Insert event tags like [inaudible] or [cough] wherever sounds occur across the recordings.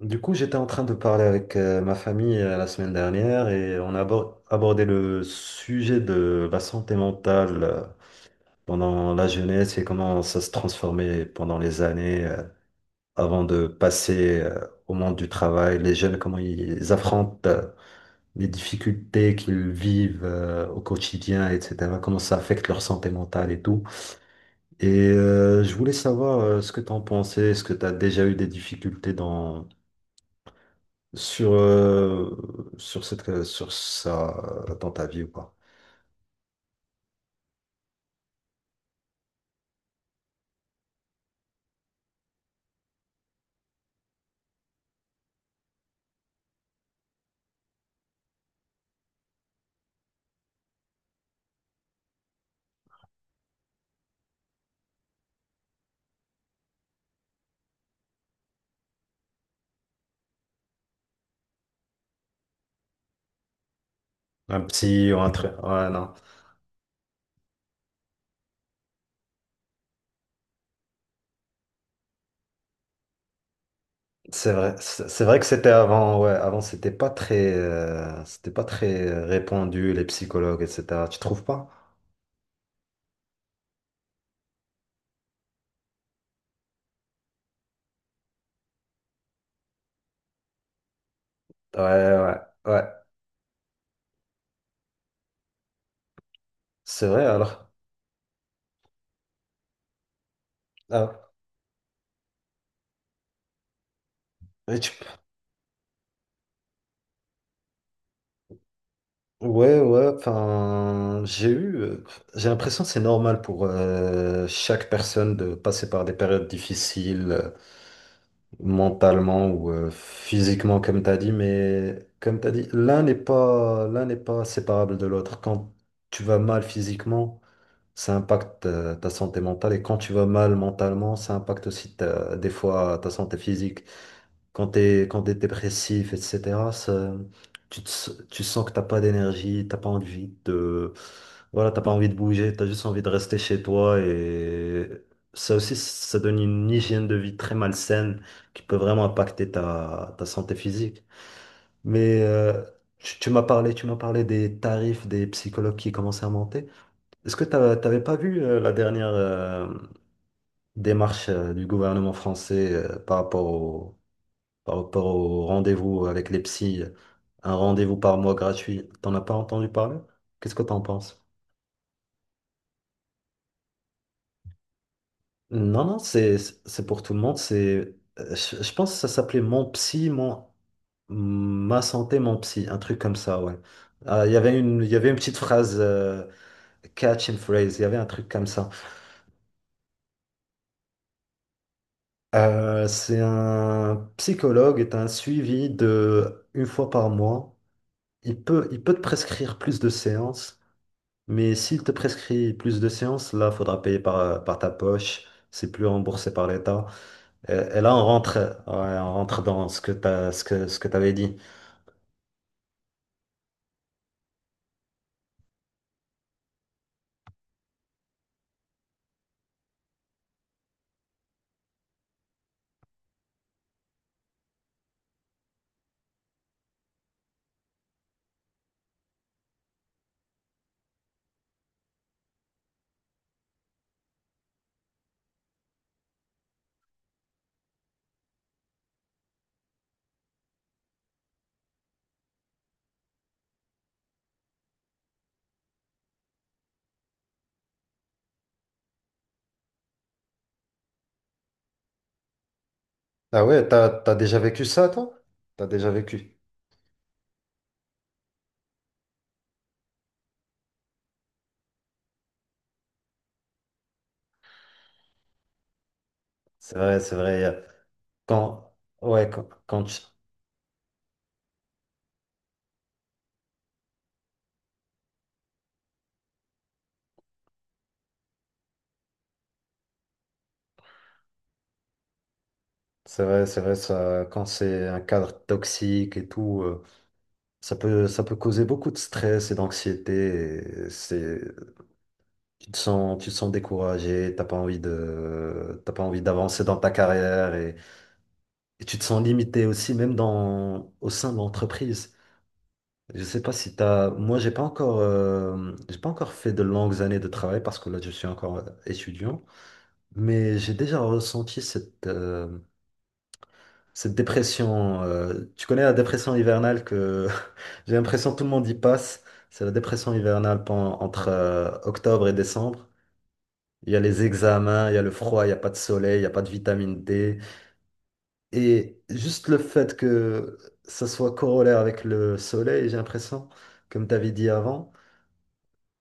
Du coup, j'étais en train de parler avec ma famille la semaine dernière et on a abordé le sujet de la santé mentale pendant la jeunesse et comment ça se transformait pendant les années avant de passer au monde du travail. Les jeunes, comment ils affrontent les difficultés qu'ils vivent au quotidien, etc. Comment ça affecte leur santé mentale et tout. Et je voulais savoir ce que tu en pensais. Est-ce que tu as déjà eu des difficultés sur, euh, sur ça dans ta vie ou pas? Un petit ou un truc. Ouais, non. C'est vrai, c'est vrai que c'était avant, ouais, avant c'était pas très répandu, les psychologues, etc. Tu trouves pas? Ouais, ouais, ouais. C'est vrai alors. Ah. Et tu- Ouais, ouais, enfin, j'ai l'impression que c'est normal pour chaque personne de passer par des périodes difficiles, mentalement ou physiquement, comme tu as dit. Mais comme tu as dit, l'un n'est pas séparable de l'autre. Quand tu vas mal physiquement, ça impacte ta santé mentale, et quand tu vas mal mentalement, ça impacte aussi des fois ta santé physique. Quand t'es dépressif, etc., ça- tu sens que t'as pas d'énergie, t'as pas envie de, voilà, t'as pas envie de bouger, t'as juste envie de rester chez toi, et ça aussi, ça donne une hygiène de vie très malsaine qui peut vraiment impacter ta santé physique. Mais tu m'as parlé des tarifs des psychologues qui commençaient à monter. Est-ce que t'avais pas vu la dernière démarche du gouvernement français par rapport au rendez-vous avec les psys, un rendez-vous par mois gratuit. T'en as pas entendu parler? Qu'est-ce que t'en penses? Non, non, c'est pour tout le monde. Je pense que ça s'appelait Mon Psy, mon, ma santé, mon psy, un truc comme ça, ouais. Il y avait une petite phrase, catch and phrase, il y avait un truc comme ça. C'est un psychologue, est un suivi de une fois par mois. Il peut te prescrire plus de séances. Mais s'il te prescrit plus de séances, là, faudra payer par ta poche. C'est plus remboursé par l'État. Et là, on rentre, ouais, on rentre dans ce que t'avais dit. Ah ouais, t'as déjà vécu ça, toi? T'as déjà vécu. C'est vrai, c'est vrai. Quand, ouais, c'est vrai, ça, quand c'est un cadre toxique et tout, ça peut causer beaucoup de stress et d'anxiété. et C'est, tu te sens découragé, t'as pas envie d'avancer dans ta carrière, et tu te sens limité aussi, même dans, au sein de l'entreprise. Je sais pas si t'as, moi j'ai pas encore fait de longues années de travail parce que là je suis encore étudiant, mais j'ai déjà ressenti cette dépression. Tu connais la dépression hivernale que [laughs] j'ai l'impression que tout le monde y passe. C'est la dépression hivernale entre octobre et décembre. Il y a les examens, il y a le froid, il n'y a pas de soleil, il n'y a pas de vitamine D. Et juste le fait que ça soit corollaire avec le soleil, j'ai l'impression, comme tu avais dit avant,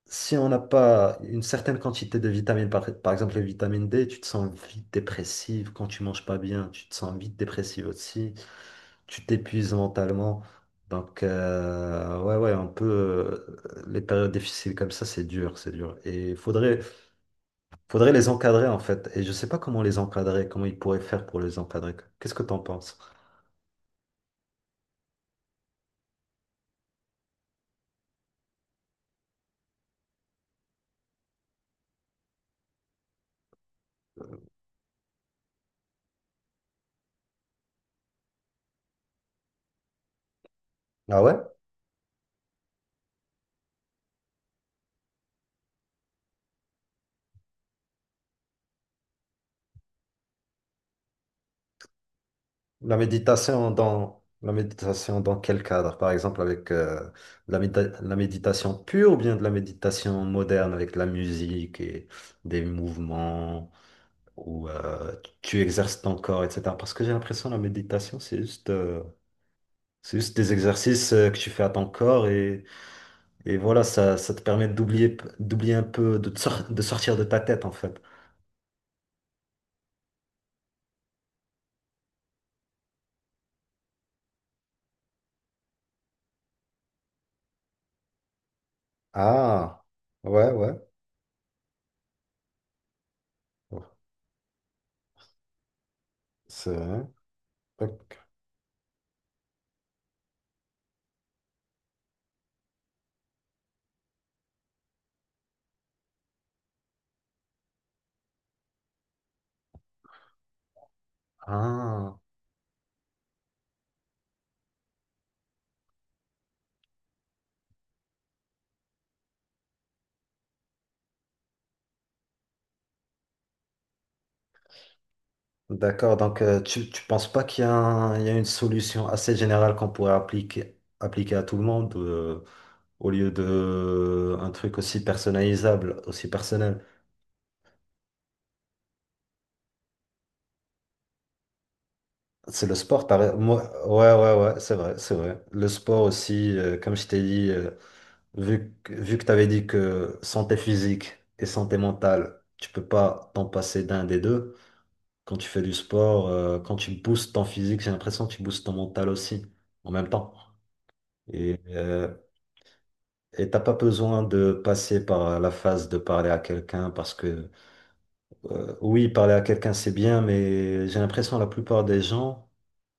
si on n'a pas une certaine quantité de vitamines, par exemple les vitamines D, tu te sens vite dépressive quand tu manges pas bien, tu te sens vite dépressive aussi, tu t'épuises mentalement. Donc, ouais, ouais, un peu, les périodes difficiles comme ça, c'est dur, c'est dur. Et il faudrait les encadrer en fait. Et je sais pas comment les encadrer, comment ils pourraient faire pour les encadrer. Qu'est-ce que tu en penses? Ah ouais? La méditation dans quel cadre? Par exemple avec la méditation pure, ou bien de la méditation moderne avec de la musique et des mouvements où tu exerces ton corps, etc. Parce que j'ai l'impression que la méditation, c'est juste des exercices que tu fais à ton corps, et voilà, ça te permet d'oublier un peu, de sortir de ta tête en fait. Ah, ouais, ouais. Bon, c'est vrai. Ok. Ah, d'accord. Donc, tu penses pas qu'il y a il y a une solution assez générale qu'on pourrait appliquer à tout le monde, au lieu de un truc aussi personnalisable, aussi personnel. C'est le sport, pareil. Moi, ouais, ouais, ouais, c'est vrai, c'est vrai. Le sport aussi, comme je t'ai dit, vu que tu avais dit que santé physique et santé mentale, tu peux pas t'en passer d'un des deux. Quand tu fais du sport, quand tu boostes ton physique, j'ai l'impression que tu boostes ton mental aussi en même temps. Et euh, et t'as pas besoin de passer par la phase de parler à quelqu'un, parce que oui, parler à quelqu'un c'est bien, mais j'ai l'impression que la plupart des gens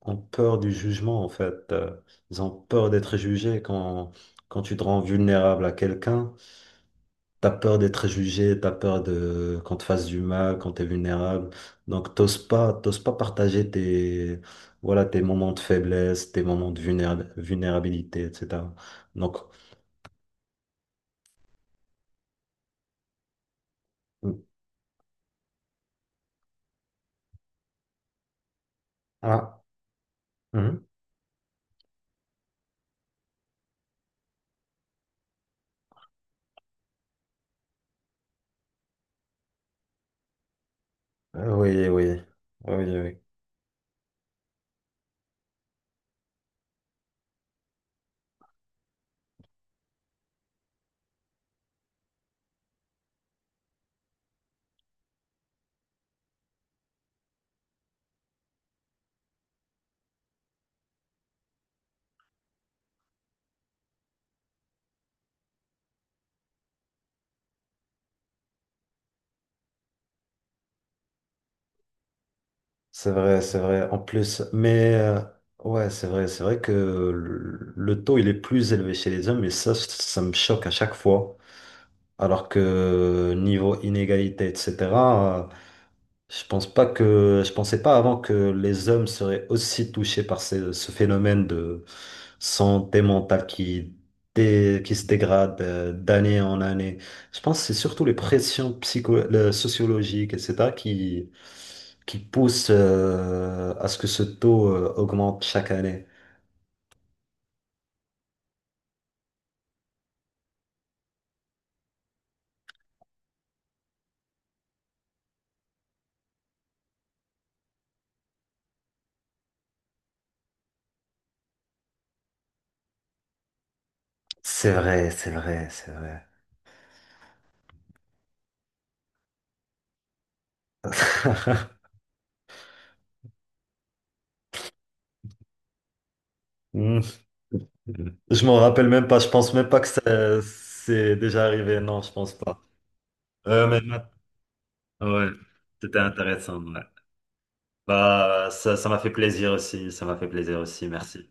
ont peur du jugement en fait. Ils ont peur d'être jugés quand tu te rends vulnérable à quelqu'un. T'as peur d'être jugé, t'as peur de qu'on te fasse du mal, quand t'es vulnérable. Donc t'oses pas partager voilà, tes moments de faiblesse, tes moments de vulnérabilité, etc. Donc ah, mhm. Oui, oui, oui, oui. Oui. C'est vrai, c'est vrai. En plus, ouais, c'est vrai que le taux il est plus élevé chez les hommes, et ça me choque à chaque fois. Alors que niveau inégalité, etc. Je pense pas que, je pensais pas avant que les hommes seraient aussi touchés par ce phénomène de santé mentale qui se dégrade d'année en année. Je pense que c'est surtout les pressions psycho, sociologiques, etc., qui poussent à ce que ce taux augmente chaque année. C'est vrai, c'est vrai, c'est vrai. [laughs] Hmm. Je m'en rappelle même pas, je pense même pas que c'est déjà arrivé, non, je pense pas. Euh, mais Ouais, c'était intéressant, ouais. Bah, ça m'a fait plaisir aussi. Ça m'a fait plaisir aussi. Merci.